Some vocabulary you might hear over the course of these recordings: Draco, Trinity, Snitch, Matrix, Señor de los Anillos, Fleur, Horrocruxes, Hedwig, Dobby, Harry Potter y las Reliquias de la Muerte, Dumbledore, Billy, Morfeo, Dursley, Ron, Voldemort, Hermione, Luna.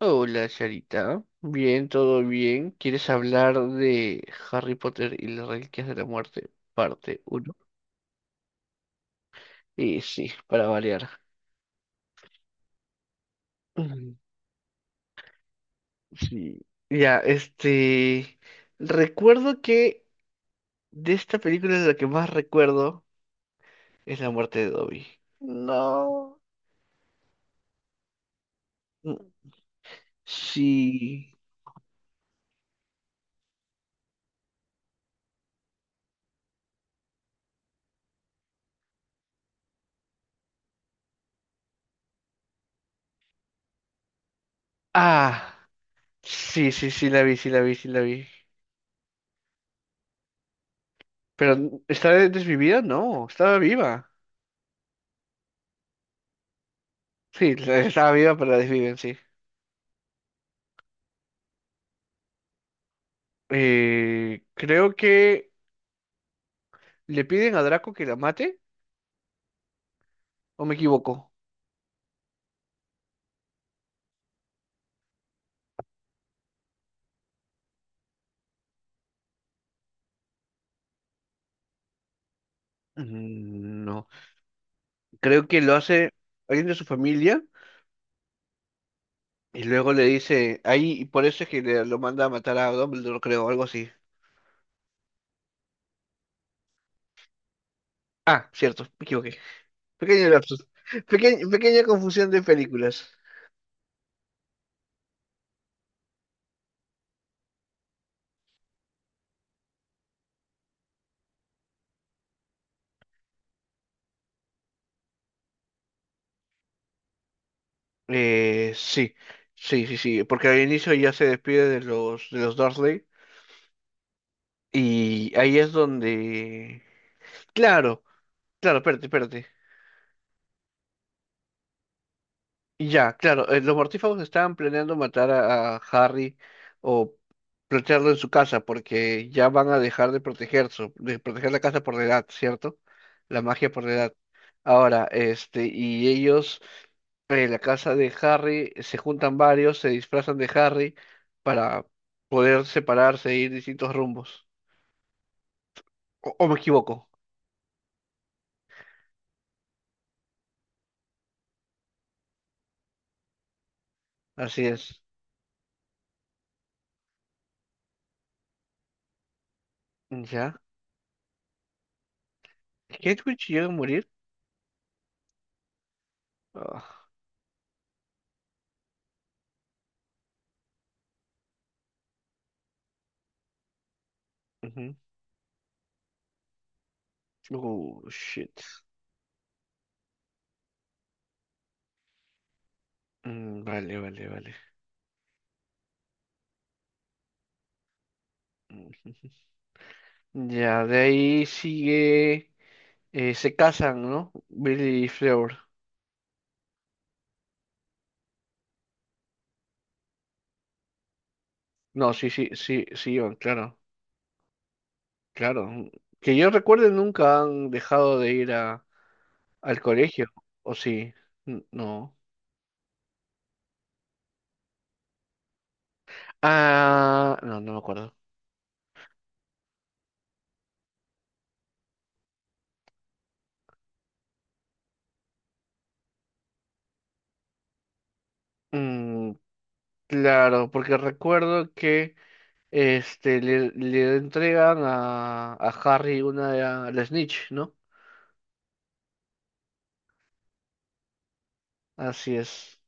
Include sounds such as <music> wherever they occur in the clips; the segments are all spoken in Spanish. Hola, Charita. Bien, todo bien. ¿Quieres hablar de Harry Potter y las Reliquias de la Muerte, parte uno? Y sí, para variar. Mm, sí. Ya, Recuerdo que de esta película lo que más recuerdo es la muerte de Dobby. No. Mm, sí. Ah, sí, sí, sí, la vi, sí, la vi, sí, la vi. Pero, ¿estaba desvivida? No, estaba viva. Sí, <laughs> estaba viva, pero la desviven, sí. Creo que le piden a Draco que la mate, ¿o me equivoco? Mm, no, creo que lo hace alguien de su familia y luego le dice ahí, y por eso es que lo manda a matar a Dumbledore, creo, algo así. Ah, cierto, me equivoqué. Pequeño lapsus. Pequeña confusión de películas. Sí, sí, sí, sí, porque al inicio ya se despide de los Dursley y ahí es donde. Claro, claro, espérate, espérate. Y ya, claro, los mortífagos estaban planeando matar a Harry o plantearlo en su casa porque ya van a dejar de protegerse, de proteger la casa por la edad, ¿cierto? La magia por la edad. Ahora, y ellos, en la casa de Harry, se juntan varios, se disfrazan de Harry para poder separarse e ir distintos rumbos. O me equivoco. Así es. Ya. ¿Hedwig llega a morir? Ah, ujú. Oh, shit. Mm, vale, vale, vale. <laughs> Ujú. Ya, de ahí sigue. Se casan, ¿no? Billy y Fleur. No, sí, sí, sí, sí, van, claro, claro. Que yo recuerde, nunca han dejado de ir al colegio, ¿o sí? No. Ah, no, no me acuerdo. Mm, claro, porque recuerdo que le entregan a Harry una de la Snitch, ¿no? Así es.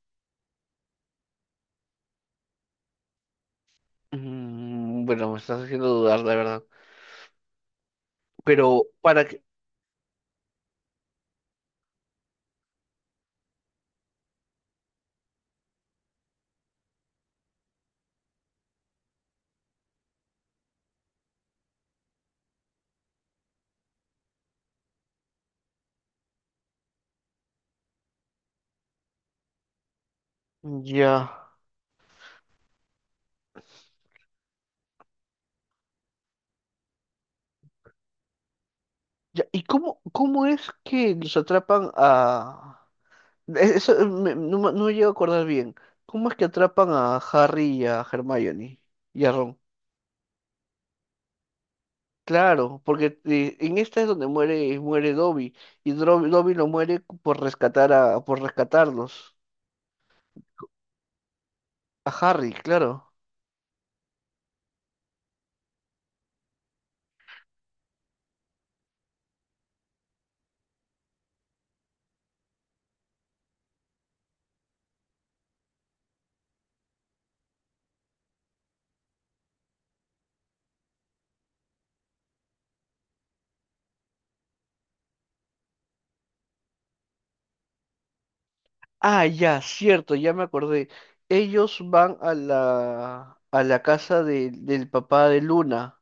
Mm, bueno, me estás haciendo dudar, la verdad. Pero para que. Ya. Ya. ¿Y cómo es que los atrapan a. Eso, no, no me llego a acordar bien. ¿Cómo es que atrapan a Harry y a Hermione y a Ron? Claro, porque en esta es donde muere Dobby. Y Dobby lo muere por rescatar por rescatarlos. A Harry, claro. Ah, ya, cierto, ya me acordé. Ellos van a la casa del papá de Luna,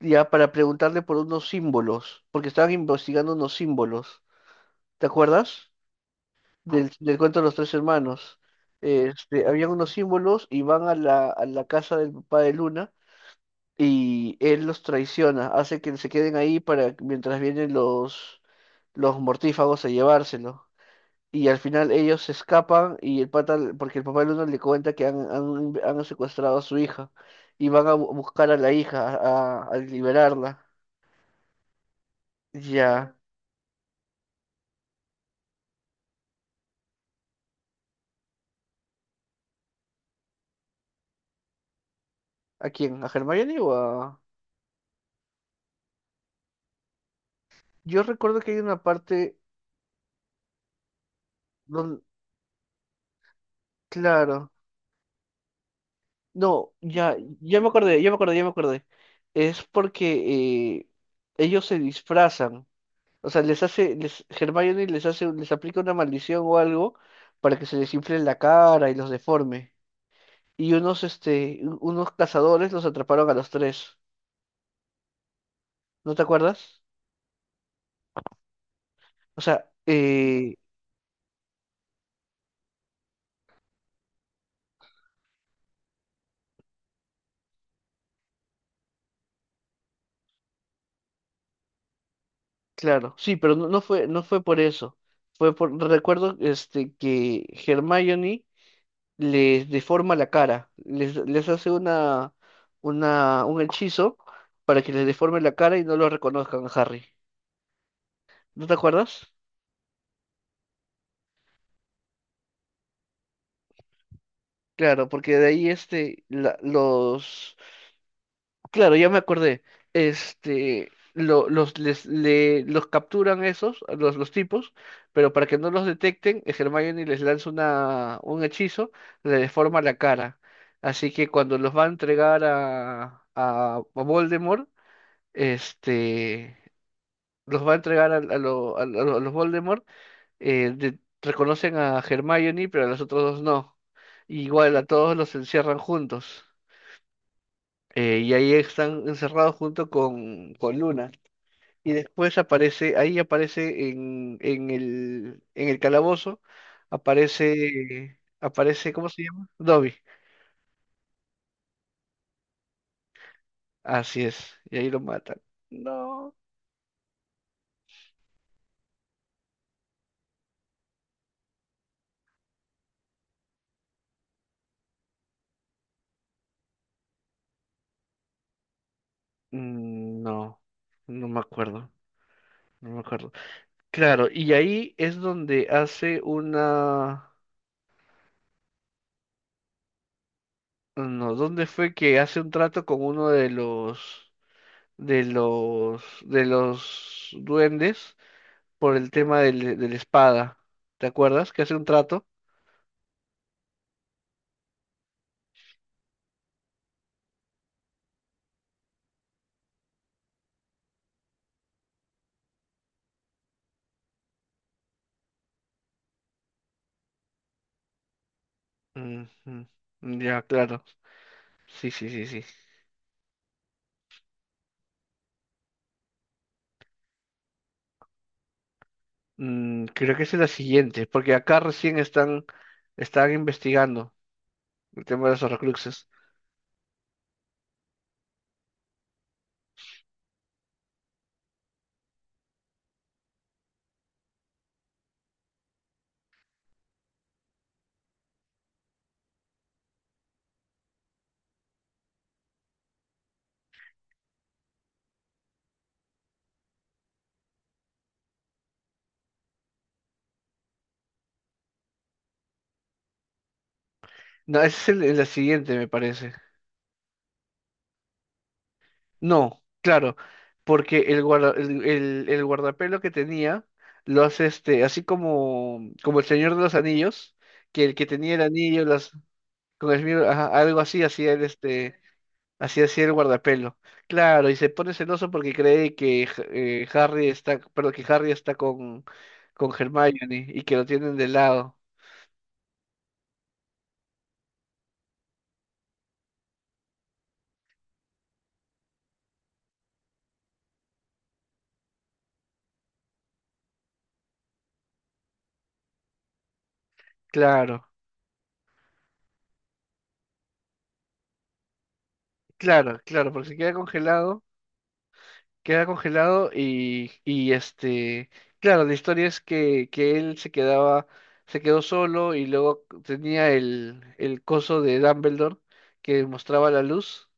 ya para preguntarle por unos símbolos, porque estaban investigando unos símbolos. ¿Te acuerdas? Del cuento de los tres hermanos. Habían unos símbolos y van a la casa del papá de Luna y él los traiciona, hace que se queden ahí para mientras vienen los mortífagos a llevárselo. Y al final ellos se escapan y el pata, porque el papá del uno le cuenta que han secuestrado a su hija y van a buscar a la hija, a liberarla. Ya, ¿a quién? ¿A Hermione o a? Yo recuerdo que hay una parte donde. Claro. No, ya, ya me acordé, ya me acordé, ya me acordé. Es porque ellos se disfrazan. O sea, Hermione les aplica una maldición o algo para que se les infle la cara y los deforme. Y unos cazadores los atraparon a los tres. ¿No te acuerdas? O sea, claro, sí, pero no, no fue por eso. Fue por, recuerdo, que Hermione les deforma la cara, les hace un hechizo para que les deforme la cara y no lo reconozcan a Harry. ¿No te acuerdas? Claro, porque de ahí. Este, la- los Claro, ya me acordé. Los capturan esos, a los tipos, pero para que no los detecten, Hermione les lanza un hechizo, le deforma la cara. Así que cuando los va a entregar a Voldemort, este, los va a entregar a los Voldemort, reconocen a Hermione, pero a los otros dos no. Igual a todos los encierran juntos y ahí están encerrados junto con Luna. Y después ahí aparece en el calabozo, aparece, ¿cómo se llama? Dobby. Así es, y ahí lo matan. No, no, no me acuerdo, no me acuerdo. Claro, y ahí es donde hace no, ¿dónde fue que hace un trato con uno de los duendes? Por el tema de la espada. ¿Te acuerdas? Que hace un trato. Ujú. Ya, claro. Sí, sí, sí, sí. Creo que esa es la siguiente, porque acá recién están investigando el tema de los Horrocruxes. No, esa es la siguiente, me parece. No, claro, porque el guardapelo que tenía lo hace así como el Señor de los Anillos, que el que tenía el anillo, algo así hacía el este. Así hacía el guardapelo. Claro, y se pone celoso porque cree que Harry está, perdón, que Harry está con Hermione y que lo tienen de lado. Claro, claro, claro, porque se queda congelado, y, claro, la historia es que él se quedó solo y luego tenía el coso de Dumbledore que mostraba la luz,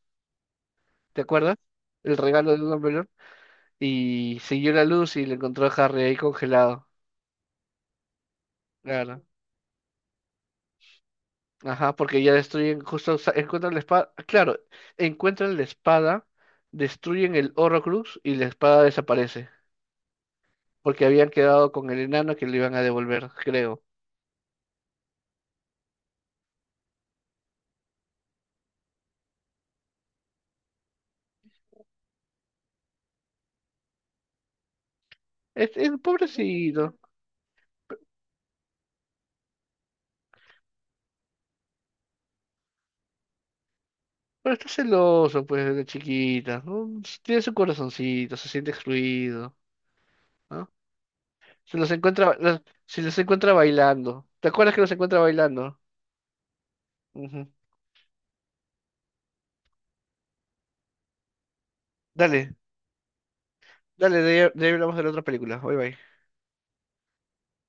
¿te acuerdas? El regalo de Dumbledore y siguió la luz y le encontró a Harry ahí congelado. Claro. Ajá, porque ya destruyen justo, o encuentran la espada. Claro, encuentran la espada, destruyen el Horrocrux y la espada desaparece. Porque habían quedado con el enano que le iban a devolver, creo. Es pobrecito. Pero está celoso, pues, de chiquita, ¿no? Tiene su corazoncito, se siente excluido, ¿no? Se los encuentra, los- se los encuentra bailando. ¿Te acuerdas que los encuentra bailando? Ujú. Dale, dale, de ahí hablamos de la otra película. Bye bye.